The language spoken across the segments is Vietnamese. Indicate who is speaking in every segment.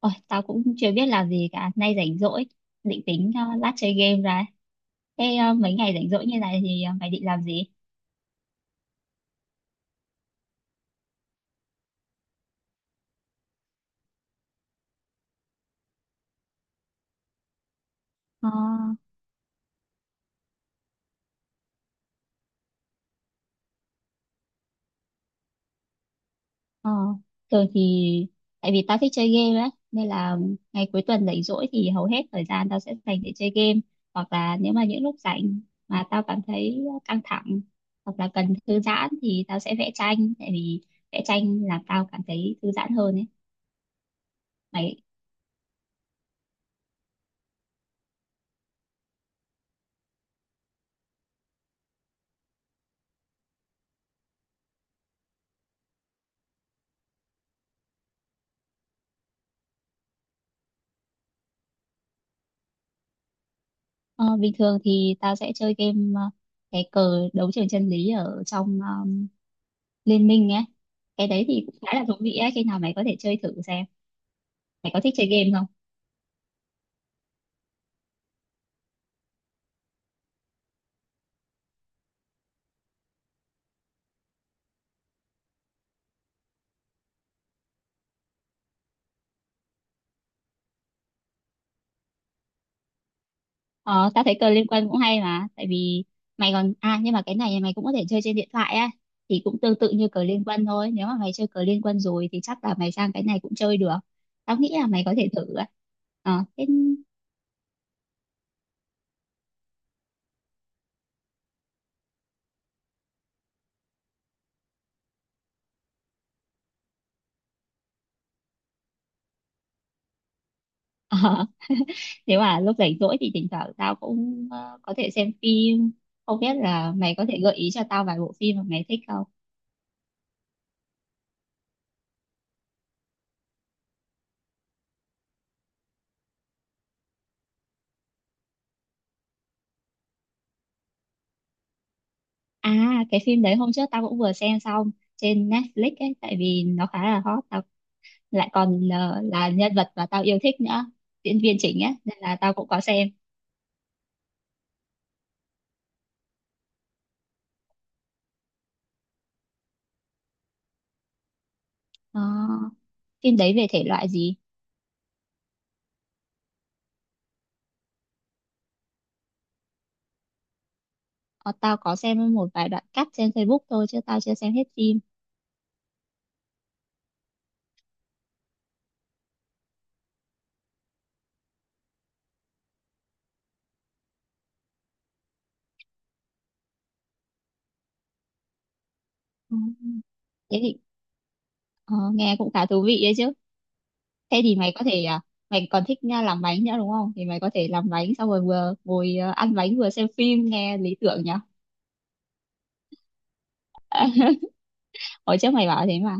Speaker 1: Ôi, tao cũng chưa biết làm gì cả, nay rảnh rỗi, định tính lát chơi game ra. Thế mấy ngày rảnh rỗi như này thì mày định làm gì? Ờ, ờ, thường thì tại vì tao thích chơi game ấy, nên là ngày cuối tuần rảnh rỗi thì hầu hết thời gian tao sẽ dành để chơi game, hoặc là nếu mà những lúc rảnh mà tao cảm thấy căng thẳng hoặc là cần thư giãn thì tao sẽ vẽ tranh, tại vì vẽ tranh làm tao cảm thấy thư giãn hơn ấy. Mày. Ờ, bình thường thì tao sẽ chơi game, cái cờ đấu trường chân lý ở trong Liên minh ấy. Cái đấy thì cũng khá là thú vị ấy, khi nào mày có thể chơi thử xem. Mày có thích chơi game không? Ờ, tao thấy cờ liên quân cũng hay mà, tại vì mày còn, à, nhưng mà cái này mày cũng có thể chơi trên điện thoại á, thì cũng tương tự như cờ liên quân thôi. Nếu mà mày chơi cờ liên quân rồi thì chắc là mày sang cái này cũng chơi được. Tao nghĩ là mày có thể thử á. Ờ, thế. Ờ, nếu mà lúc rảnh rỗi thì thỉnh thoảng tao cũng có thể xem phim, không biết là mày có thể gợi ý cho tao vài bộ phim mà mày thích không. À, cái phim đấy hôm trước tao cũng vừa xem xong trên Netflix ấy, tại vì nó khá là hot, tao lại còn là nhân vật mà tao yêu thích nữa, diễn viên chính ấy nên là tao cũng có xem. Ờ, phim đấy về thể loại gì? Ờ, tao có xem một vài đoạn cắt trên Facebook thôi chứ tao chưa xem hết phim. Ừ, thế thì ờ, nghe cũng khá thú vị đấy chứ. Thế thì mày có thể, mày còn thích nha, làm bánh nữa đúng không, thì mày có thể làm bánh xong rồi vừa ngồi, ăn bánh vừa xem phim, nghe lý tưởng nhỉ. Hồi trước mày bảo thế mà.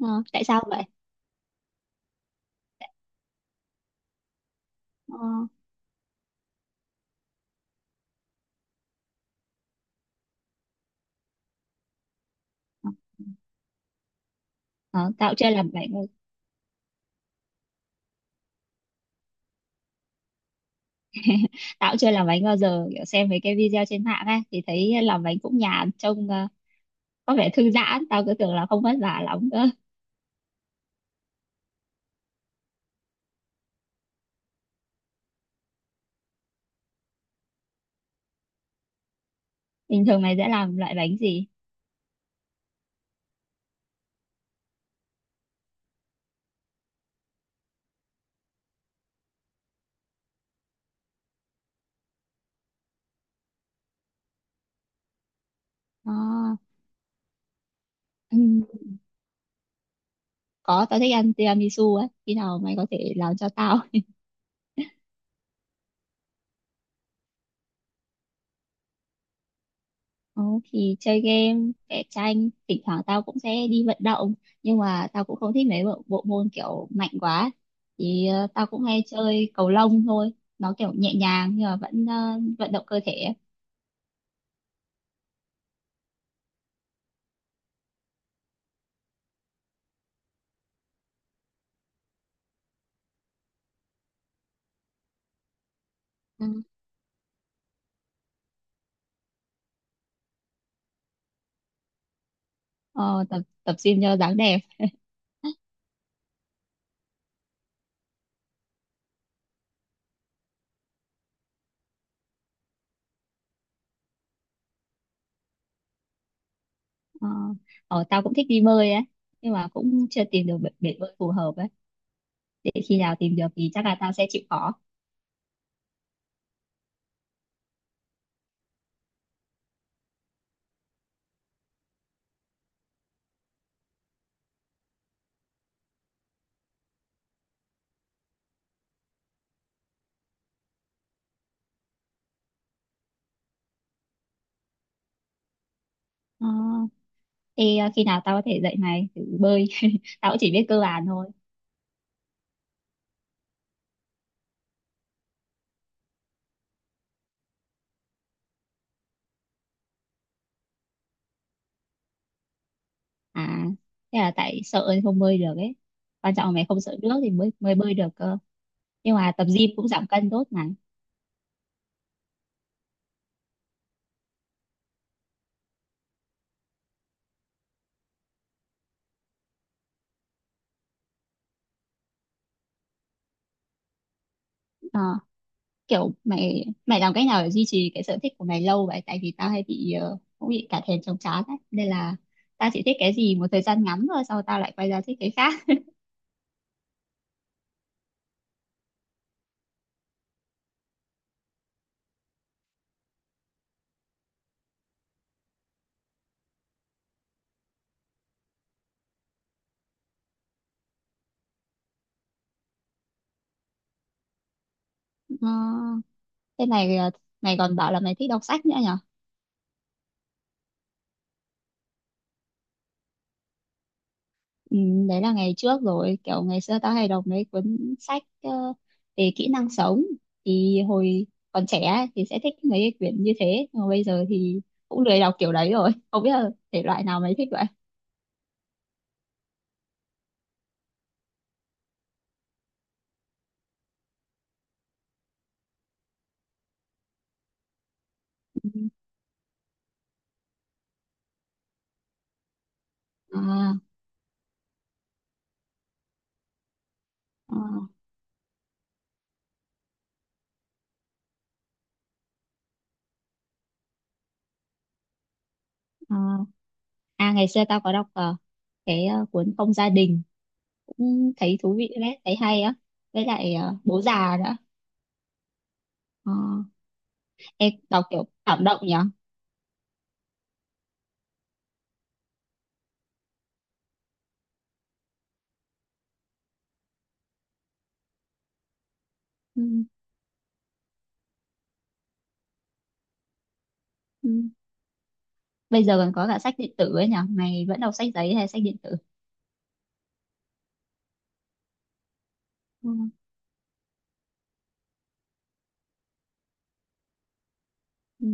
Speaker 1: Ờ, tại sao vậy? Ờ, ờ, tao chưa tao cũng chưa làm bánh bao giờ, kiểu xem mấy cái video trên mạng ấy thì thấy làm bánh cũng nhàn, trông có vẻ thư giãn, tao cứ tưởng là không vất vả lắm cơ. Bình thường mày sẽ làm loại bánh gì? Ờ, ừm, có, tao thích ăn tiramisu ấy, khi nào mày có thể làm cho tao. Ừ, thì chơi game, vẽ tranh, thỉnh thoảng tao cũng sẽ đi vận động, nhưng mà tao cũng không thích mấy bộ môn kiểu mạnh quá, thì tao cũng hay chơi cầu lông thôi. Nó kiểu nhẹ nhàng nhưng mà vẫn vận động cơ thể ấy. Ừ. Ờ, tập tập gym cho dáng đẹp. ờ, tao cũng thích đi bơi ấy, nhưng mà cũng chưa tìm được bể bơi phù hợp ấy, để khi nào tìm được thì chắc là tao sẽ chịu khó. Ờ, thì khi nào tao có thể dạy mày thử bơi, tao cũng chỉ biết cơ bản thôi. À, thế là tại sợ thì không bơi được ấy, quan trọng là mày không sợ nước thì mới mới bơi được cơ. Nhưng mà tập gym cũng giảm cân tốt mà. Ờ, kiểu mày mày làm cách nào để duy trì cái sở thích của mày lâu vậy, tại vì tao hay bị cũng bị cả thèm chóng chán ấy nên là tao chỉ thích cái gì một thời gian ngắn thôi sau tao lại quay ra thích cái khác. Ờ, thế này mày mày còn bảo là mày thích đọc sách nữa nhỉ. Ừ, đấy là ngày trước rồi, kiểu ngày xưa tao hay đọc mấy cuốn sách về kỹ năng sống, thì hồi còn trẻ ấy, thì sẽ thích mấy cái quyển như thế nhưng mà bây giờ thì cũng lười đọc kiểu đấy rồi. Không biết là thể loại nào mày thích vậy? À, à, à. À ngày xưa tao có đọc cái cuốn Không gia đình, cũng thấy thú vị đấy, thấy hay á. Với lại Bố già nữa. Ờ, em đọc kiểu cảm động nhỉ. Ừ, ừ. Bây giờ còn có cả sách điện tử ấy nhỉ, mày vẫn đọc sách giấy hay sách điện tử? Ừ,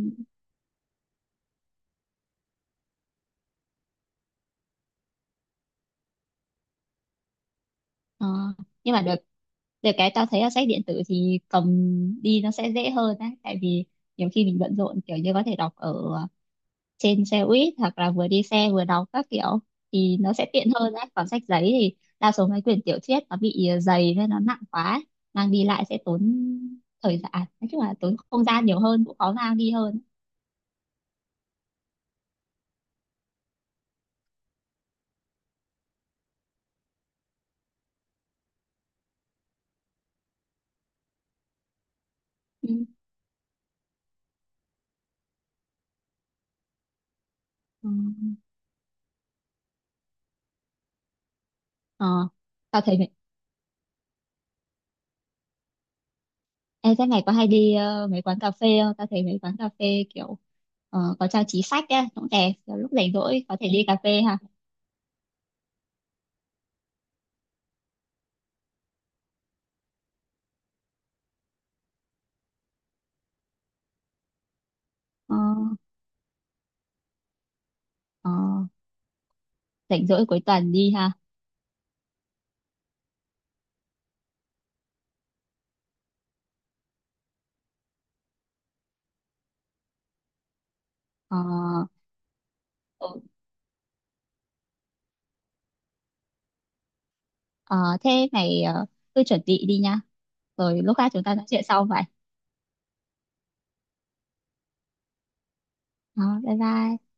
Speaker 1: ờ. Nhưng mà được, được cái tao thấy là sách điện tử thì cầm đi nó sẽ dễ hơn á, tại vì nhiều khi mình bận rộn, kiểu như có thể đọc ở trên xe buýt hoặc là vừa đi xe vừa đọc các kiểu thì nó sẽ tiện hơn á, còn sách giấy thì đa số mấy quyển tiểu thuyết nó bị dày nên nó nặng quá, mang đi lại sẽ tốn thời gian, nói chung là tốn không gian nhiều hơn, cũng khó mang đi hơn. Ừ. Ừ. Ờ. Tao thấy. Ê, thế mày có hay đi mấy quán cà phê không? Tao thấy mấy quán cà phê kiểu có trang trí sách á, cũng đẹp. Kiểu lúc rảnh rỗi có thể đi cà phê ha. Ờ, ờ, rảnh rỗi cuối tuần đi ha. Ờ, ừ, ờ, thế mày cứ chuẩn bị đi nha. Rồi lúc khác chúng ta nói chuyện sau vậy. Ờ, bye bye.